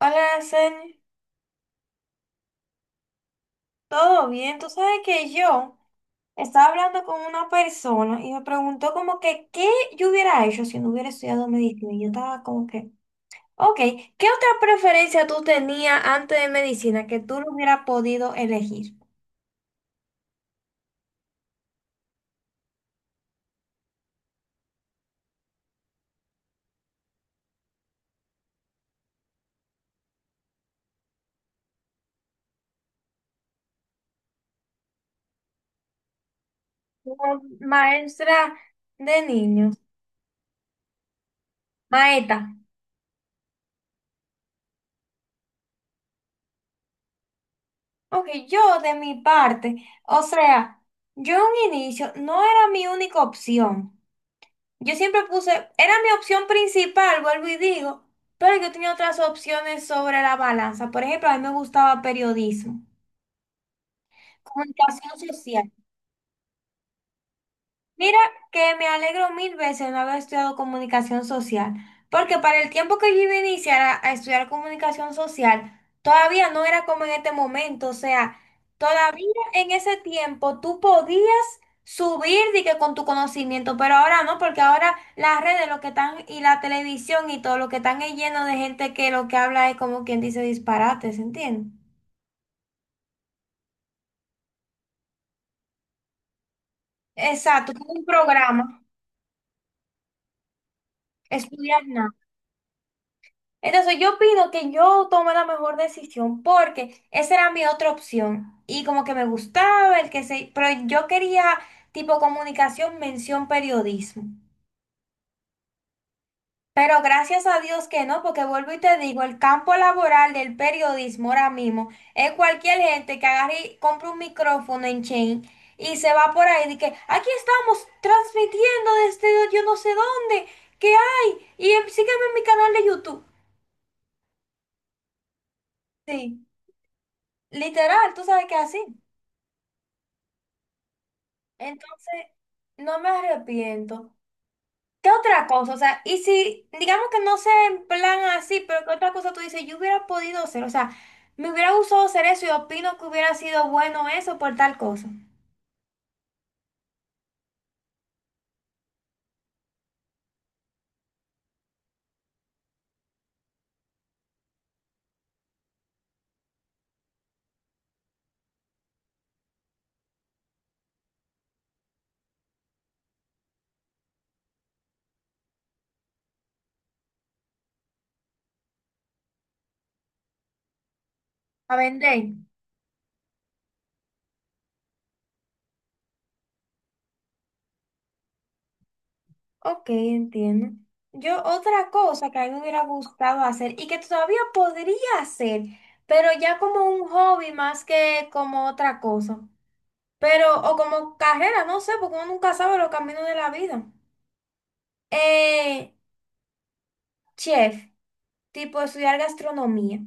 Hola, Sen, ¿todo bien? Tú sabes que yo estaba hablando con una persona y me preguntó como que qué yo hubiera hecho si no hubiera estudiado medicina. Y yo estaba como que, ok, ¿qué otra preferencia tú tenías antes de medicina que tú no hubieras podido elegir? Como Maestra de niños, maeta. Ok, yo de mi parte, o sea, yo en un inicio no era mi única opción. Yo siempre puse, era mi opción principal, vuelvo y digo, pero yo tenía otras opciones sobre la balanza. Por ejemplo, a mí me gustaba periodismo, comunicación social. Mira que me alegro mil veces de no haber estudiado comunicación social, porque para el tiempo que yo iba a iniciar a estudiar comunicación social, todavía no era como en este momento, o sea, todavía en ese tiempo tú podías subir de que con tu conocimiento, pero ahora no, porque ahora las redes lo que están y la televisión y todo lo que están es lleno de gente que lo que habla es como quien dice disparates, ¿entiendes? Exacto, como un programa, estudiar nada. Entonces yo opino que yo tomé la mejor decisión porque esa era mi otra opción y como que me gustaba el que se, pero yo quería tipo comunicación, mención, periodismo. Pero gracias a Dios que no, porque vuelvo y te digo, el campo laboral del periodismo ahora mismo es cualquier gente que agarre y compre un micrófono en chain y se va por ahí y que aquí estamos transmitiendo desde yo no sé dónde, qué hay, y sígueme en mi canal de YouTube. Sí, literal, tú sabes que así. Entonces, no me arrepiento. ¿Qué otra cosa? O sea, y si, digamos que no sé en plan así, pero ¿qué otra cosa tú dices? Yo hubiera podido hacer, o sea, me hubiera gustado hacer eso y opino que hubiera sido bueno eso por tal cosa. A vender. Ok, entiendo. Yo otra cosa que a mí me hubiera gustado hacer y que todavía podría hacer, pero ya como un hobby más que como otra cosa. Pero, o como carrera, no sé, porque uno nunca sabe los caminos de la vida. Eh, Chef, tipo estudiar gastronomía.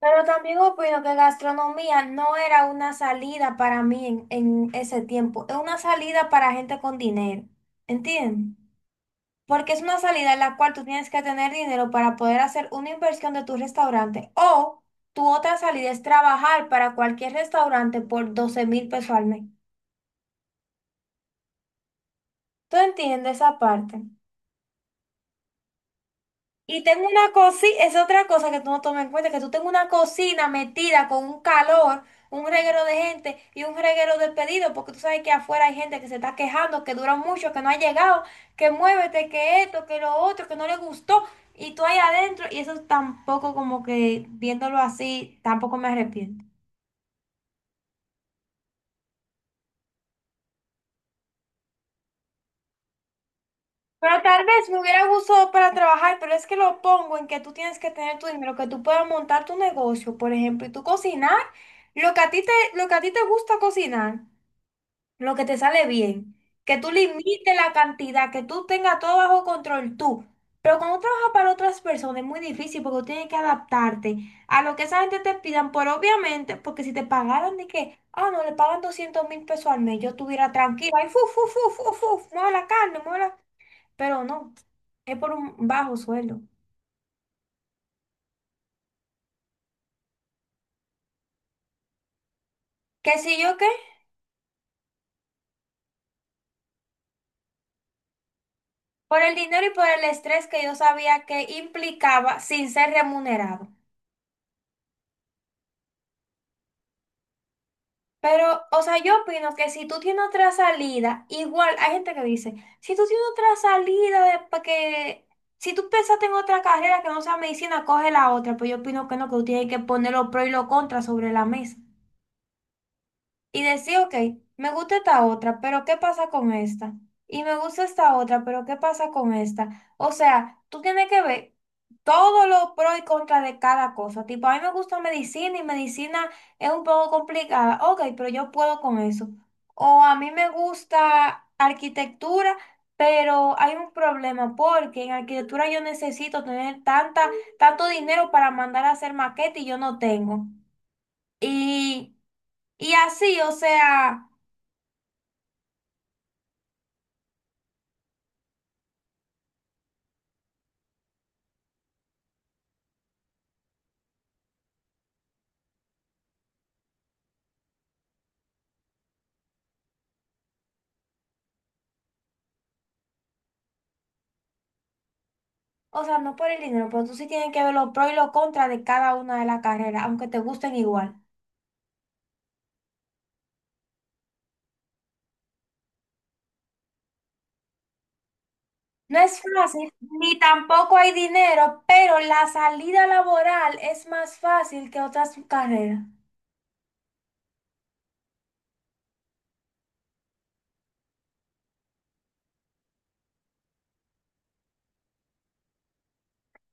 Pero también opino que gastronomía no era una salida para mí en ese tiempo, es una salida para gente con dinero, ¿entiendes? Porque es una salida en la cual tú tienes que tener dinero para poder hacer una inversión de tu restaurante o tu otra salida es trabajar para cualquier restaurante por 12,000 pesos al mes. ¿Tú entiendes esa parte? Y tengo una cocina, es otra cosa que tú no tomas en cuenta, que tú tengo una cocina metida con un calor, un reguero de gente y un reguero de pedidos, porque tú sabes que afuera hay gente que se está quejando, que dura mucho, que no ha llegado, que muévete, que esto, que lo otro, que no le gustó, y tú ahí adentro, y eso tampoco como que viéndolo así, tampoco me arrepiento. Pero tal vez me hubiera gustado para trabajar, pero es que lo pongo en que tú tienes que tener tu dinero, que tú puedas montar tu negocio, por ejemplo, y tú cocinar lo que a ti te, lo que a ti te gusta cocinar, lo que te sale bien, que tú limites la cantidad, que tú tengas todo bajo control tú. Pero cuando trabajas para otras personas es muy difícil porque tú tienes que adaptarte a lo que esa gente te pidan, por obviamente, porque si te pagaran de que, ah, no, le pagan 200,000 pesos al mes, yo estuviera tranquila, y fu, fu, fu, fu, fu, mueve la carne, mueve la pero no, es por un bajo sueldo. ¿Que si yo qué? Por el dinero y por el estrés que yo sabía que implicaba sin ser remunerado. Pero, o sea, yo opino que si tú tienes otra salida, igual hay gente que dice, si tú tienes otra salida, de, pa' que, si tú pensaste en otra carrera que no sea medicina, coge la otra. Pero yo opino que no, que tú tienes que poner los pros y los contras sobre la mesa. Y decir, ok, me gusta esta otra, pero ¿qué pasa con esta? Y me gusta esta otra, pero ¿qué pasa con esta? O sea, tú tienes que ver todos los pros y contras de cada cosa. Tipo, a mí me gusta medicina y medicina es un poco complicada. Ok, pero yo puedo con eso. O a mí me gusta arquitectura, pero hay un problema porque en arquitectura yo necesito tener tanta, tanto dinero para mandar a hacer maqueta y yo no tengo. Y, y así, o sea... O sea, no por el dinero, pero tú sí tienes que ver los pros y los contras de cada una de las carreras, aunque te gusten igual. No es fácil, ni tampoco hay dinero, pero la salida laboral es más fácil que otras carreras.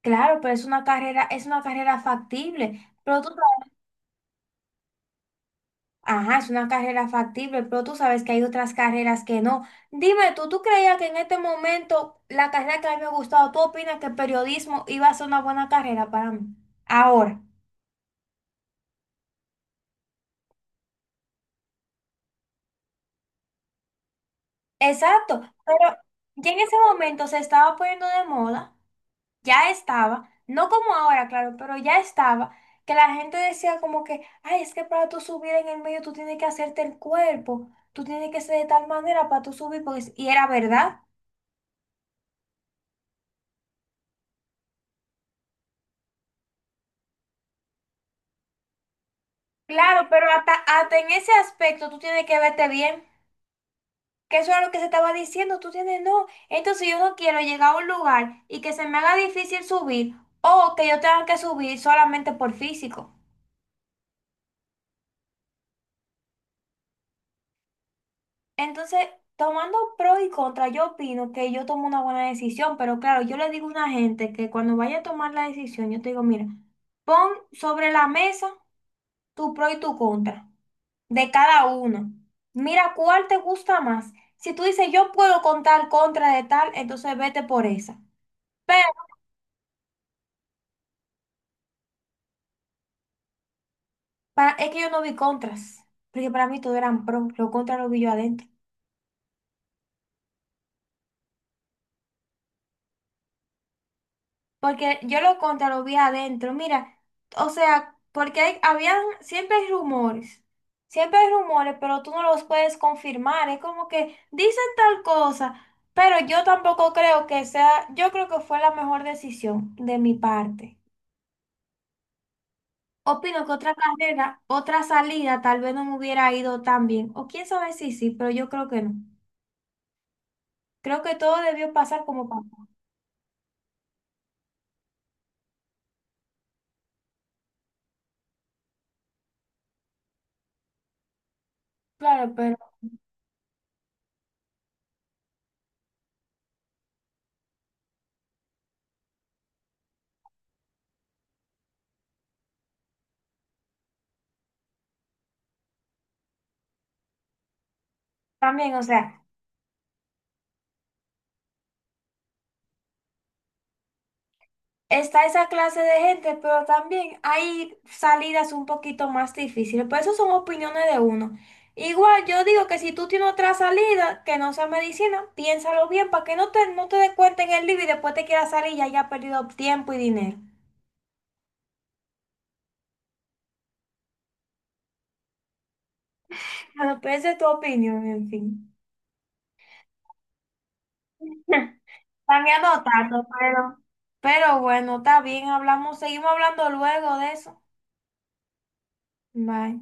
Claro, pero es una carrera factible. Pero tú sabes... Ajá, es una carrera factible, pero tú sabes que hay otras carreras que no. Dime tú, ¿tú creías que en este momento la carrera que a mí me ha gustado, tú opinas que el periodismo iba a ser una buena carrera para mí? Ahora. Exacto, pero ya en ese momento se estaba poniendo de moda, ya estaba, no como ahora, claro, pero ya estaba, que la gente decía como que, ay, es que para tú subir en el medio tú tienes que hacerte el cuerpo, tú tienes que ser de tal manera para tú subir, porque... es... y era verdad. Claro, pero hasta en ese aspecto tú tienes que verte bien, que eso era lo que se estaba diciendo, tú tienes no. Entonces yo no quiero llegar a un lugar y que se me haga difícil subir o que yo tenga que subir solamente por físico. Entonces, tomando pro y contra, yo opino que yo tomo una buena decisión, pero claro, yo le digo a una gente que cuando vaya a tomar la decisión, yo te digo, mira, pon sobre la mesa tu pro y tu contra de cada uno. Mira cuál te gusta más. Si tú dices, yo puedo contar contra de tal, entonces vete por esa. Pero es que yo no vi contras, porque para mí todo eran pro, lo contra lo vi yo adentro. Porque yo lo contra lo vi adentro. Mira, o sea, porque habían, siempre hay rumores. Siempre hay rumores, pero tú no los puedes confirmar. Es como que dicen tal cosa, pero yo tampoco creo que sea, yo creo que fue la mejor decisión de mi parte. Opino que otra carrera, otra salida, tal vez no me hubiera ido tan bien. O quién sabe si sí, pero yo creo que no. Creo que todo debió pasar como pasó. Claro, pero también, o sea. Está esa clase de gente, pero también hay salidas un poquito más difíciles. Pero eso son opiniones de uno. Igual yo digo que si tú tienes otra salida que no sea medicina, piénsalo bien para que no te des cuenta en el libro y después te quieras salir y hayas perdido tiempo y dinero. Bueno, pero esa es tu opinión, en fin. También no tanto, pero... Pero bueno, está bien, hablamos, seguimos hablando luego de eso. Bye.